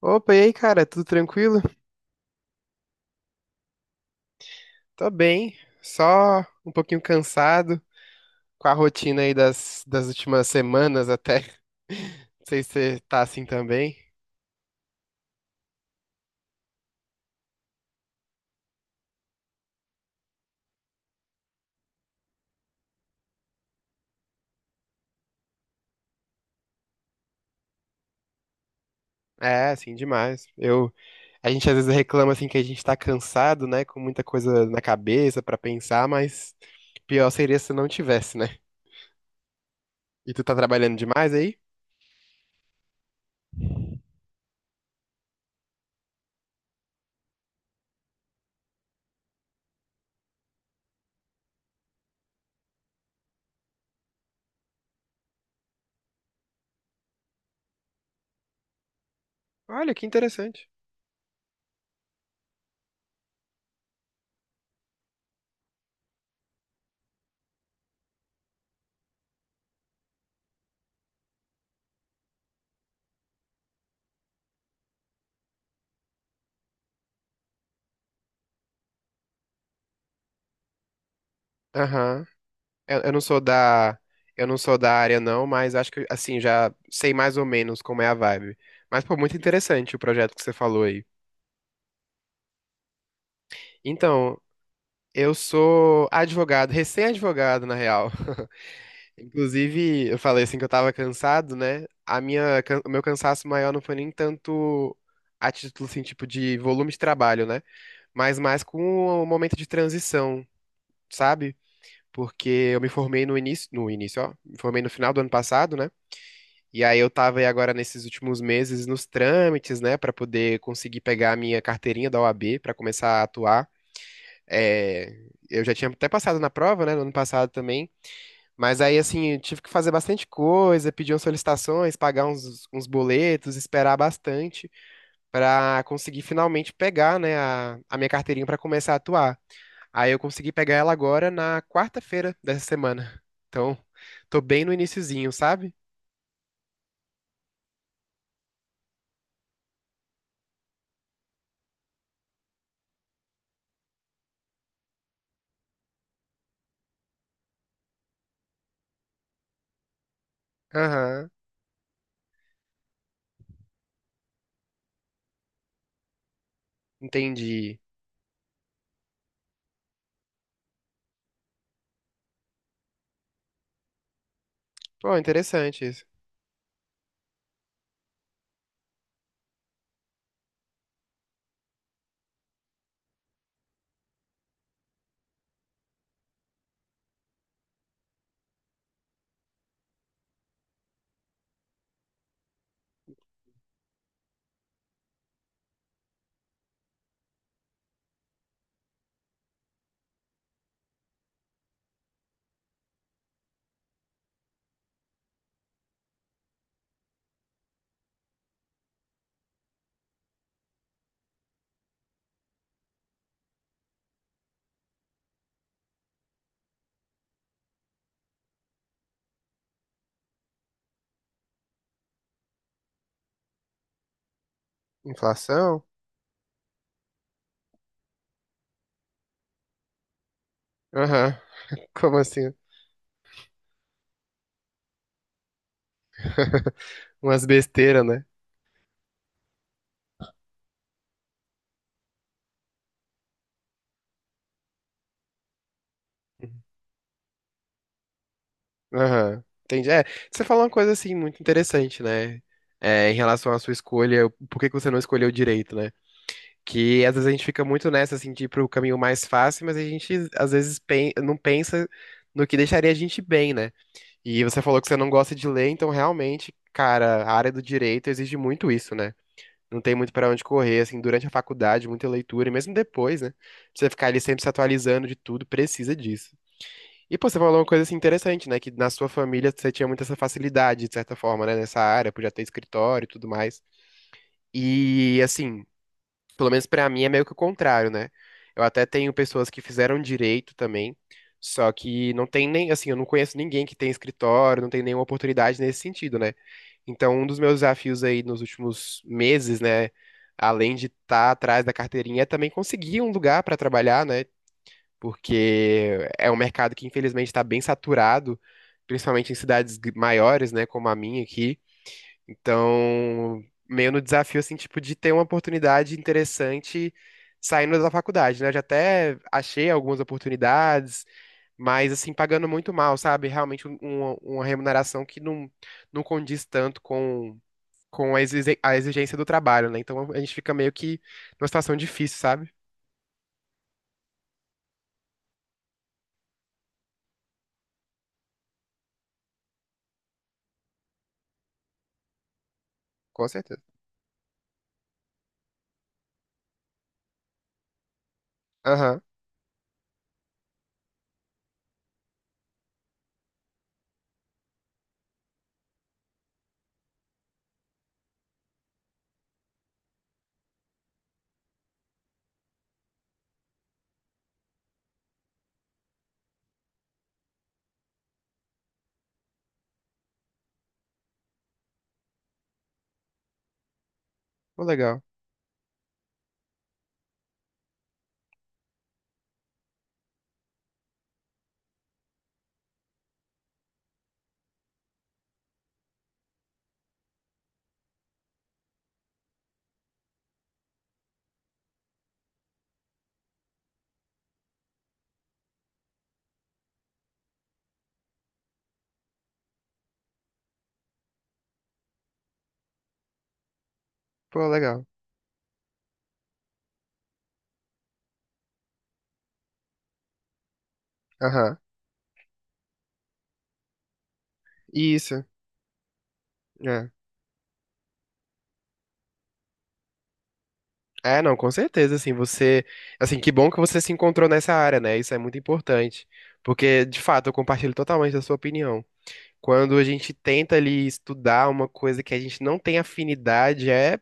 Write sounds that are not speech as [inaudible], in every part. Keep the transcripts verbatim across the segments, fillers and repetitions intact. Opa, e aí, cara, tudo tranquilo? Tô bem, só um pouquinho cansado com a rotina aí das, das últimas semanas até. [laughs] Não sei se você tá assim também. É, assim, demais. Eu, a gente às vezes reclama assim que a gente tá cansado, né, com muita coisa na cabeça pra pensar, mas pior seria se não tivesse, né? E tu tá trabalhando demais aí? Olha, que interessante. Aham. Eu, eu não sou da, eu não sou da área não, mas acho que assim já sei mais ou menos como é a vibe. Mas pô, muito interessante o projeto que você falou aí. Então, eu sou advogado, recém-advogado na real. [laughs] Inclusive, eu falei assim que eu tava cansado, né? A minha, can- o meu cansaço maior não foi nem tanto a título assim, tipo de volume de trabalho, né? Mas mais com o momento de transição, sabe? Porque eu me formei no início, no início, ó, me formei no final do ano passado, né? E aí eu tava aí agora nesses últimos meses nos trâmites, né, pra poder conseguir pegar a minha carteirinha da O A B pra começar a atuar. É, eu já tinha até passado na prova, né, no ano passado também, mas aí assim, eu tive que fazer bastante coisa, pedir umas solicitações, pagar uns, uns boletos, esperar bastante pra conseguir finalmente pegar, né, a, a minha carteirinha pra começar a atuar. Aí eu consegui pegar ela agora na quarta-feira dessa semana. Então, tô bem no iniciozinho, sabe? Aham, entendi. Pô, interessante isso. Inflação? Aham. Como assim? [laughs] Umas besteiras, né? Aham. Entendi. É, você falou uma coisa assim muito interessante, né? É, em relação à sua escolha, por que que você não escolheu direito, né? Que às vezes a gente fica muito nessa, assim, de ir pro caminho mais fácil, mas a gente às vezes pen- não pensa no que deixaria a gente bem, né? E você falou que você não gosta de ler, então realmente, cara, a área do direito exige muito isso, né? Não tem muito pra onde correr, assim, durante a faculdade, muita leitura, e mesmo depois, né? Pra você ficar ali sempre se atualizando de tudo, precisa disso. E, pô, você falou uma coisa, assim, interessante, né? Que na sua família você tinha muita essa facilidade, de certa forma, né? Nessa área, por já ter escritório e tudo mais. E, assim, pelo menos pra mim é meio que o contrário, né? Eu até tenho pessoas que fizeram direito também, só que não tem nem, assim, eu não conheço ninguém que tem escritório, não tem nenhuma oportunidade nesse sentido, né? Então, um dos meus desafios aí nos últimos meses, né, além de estar atrás da carteirinha, é também conseguir um lugar para trabalhar, né? Porque é um mercado que infelizmente está bem saturado, principalmente em cidades gr- maiores, né, como a minha aqui. Então, meio no desafio, assim, tipo, de ter uma oportunidade interessante saindo da faculdade, né? Eu já até achei algumas oportunidades, mas, assim, pagando muito mal, sabe? Realmente um- uma, uma remuneração que não, não condiz tanto com, com a exige- a exigência do trabalho, né? Então, a gente fica meio que numa situação difícil, sabe? Com certeza. Aham. Pô, legal. Pô, legal. Aham. Isso. É. É, não, com certeza, assim, você, assim, que bom que você se encontrou nessa área, né? Isso é muito importante, porque de fato eu compartilho totalmente da sua opinião. Quando a gente tenta ali estudar uma coisa que a gente não tem afinidade, é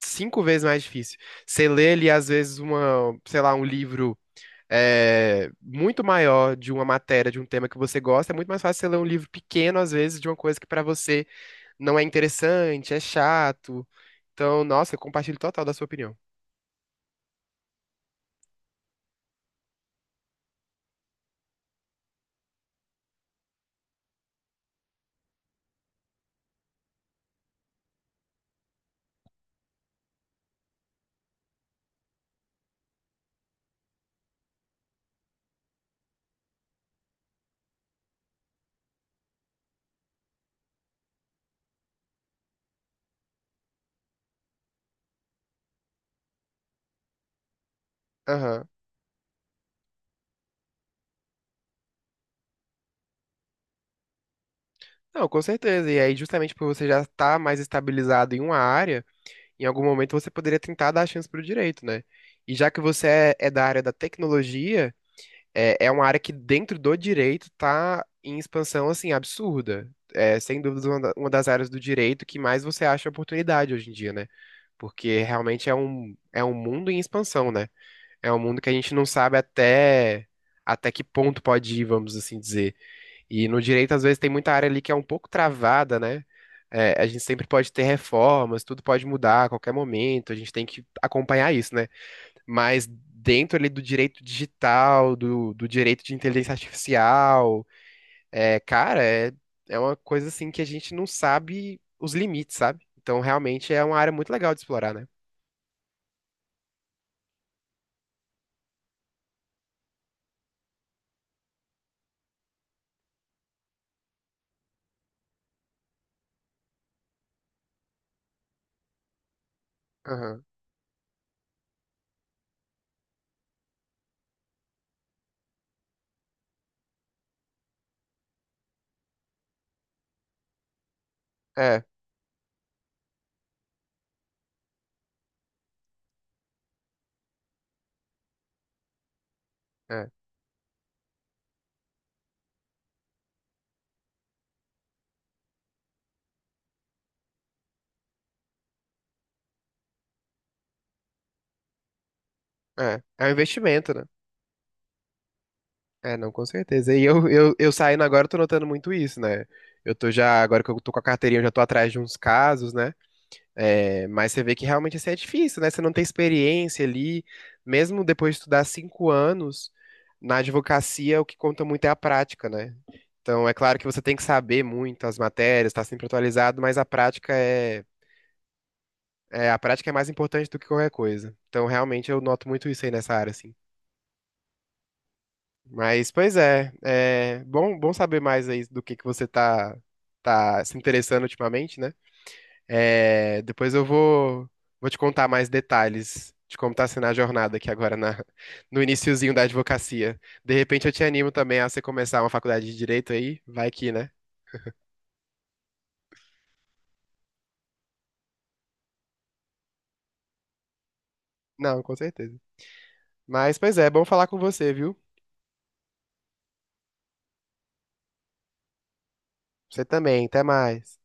cinco vezes mais difícil. Você lê ali às vezes uma, sei lá, um livro é, muito maior de uma matéria, de um tema que você gosta, é muito mais fácil você ler um livro pequeno às vezes de uma coisa que pra você não é interessante, é chato. Então, nossa, eu compartilho total da sua opinião. Aham. Não, com certeza. E aí, justamente por você já estar mais estabilizado em uma área, em algum momento você poderia tentar dar a chance para o direito, né? E já que você é, é da área da tecnologia, é, é uma área que dentro do direito tá em expansão, assim, absurda. É, sem dúvidas, uma, da- uma das áreas do direito que mais você acha oportunidade hoje em dia, né? Porque realmente é um, é um mundo em expansão, né? É um mundo que a gente não sabe até, até que ponto pode ir, vamos assim dizer. E no direito, às vezes, tem muita área ali que é um pouco travada, né? É, a gente sempre pode ter reformas, tudo pode mudar a qualquer momento, a gente tem que acompanhar isso, né? Mas dentro ali do direito digital, do, do direito de inteligência artificial, é, cara, é, é uma coisa assim que a gente não sabe os limites, sabe? Então, realmente é uma área muito legal de explorar, né? Aham. É, é, é. É um investimento, né? É, não, com certeza. E eu, eu, eu saindo agora, eu tô notando muito isso, né? Eu tô já, agora que eu tô com a carteirinha, eu já tô atrás de uns casos, né? É, mas você vê que realmente assim, é difícil, né? Você não tem experiência ali. Mesmo depois de estudar cinco anos, na advocacia o que conta muito é a prática, né? Então, é claro que você tem que saber muito as matérias, tá sempre atualizado, mas a prática é, é, a prática é mais importante do que qualquer coisa. Então, realmente, eu noto muito isso aí nessa área, assim. Mas, pois é, é bom, bom saber mais aí do que que você tá, tá se interessando ultimamente, né? É, depois eu vou, vou te contar mais detalhes de como tá sendo a jornada aqui agora na, no iniciozinho da advocacia. De repente eu te animo também a você começar uma faculdade de direito aí, vai que, né? Não, com certeza. Mas, pois é, bom falar com você, viu? Você também, até mais.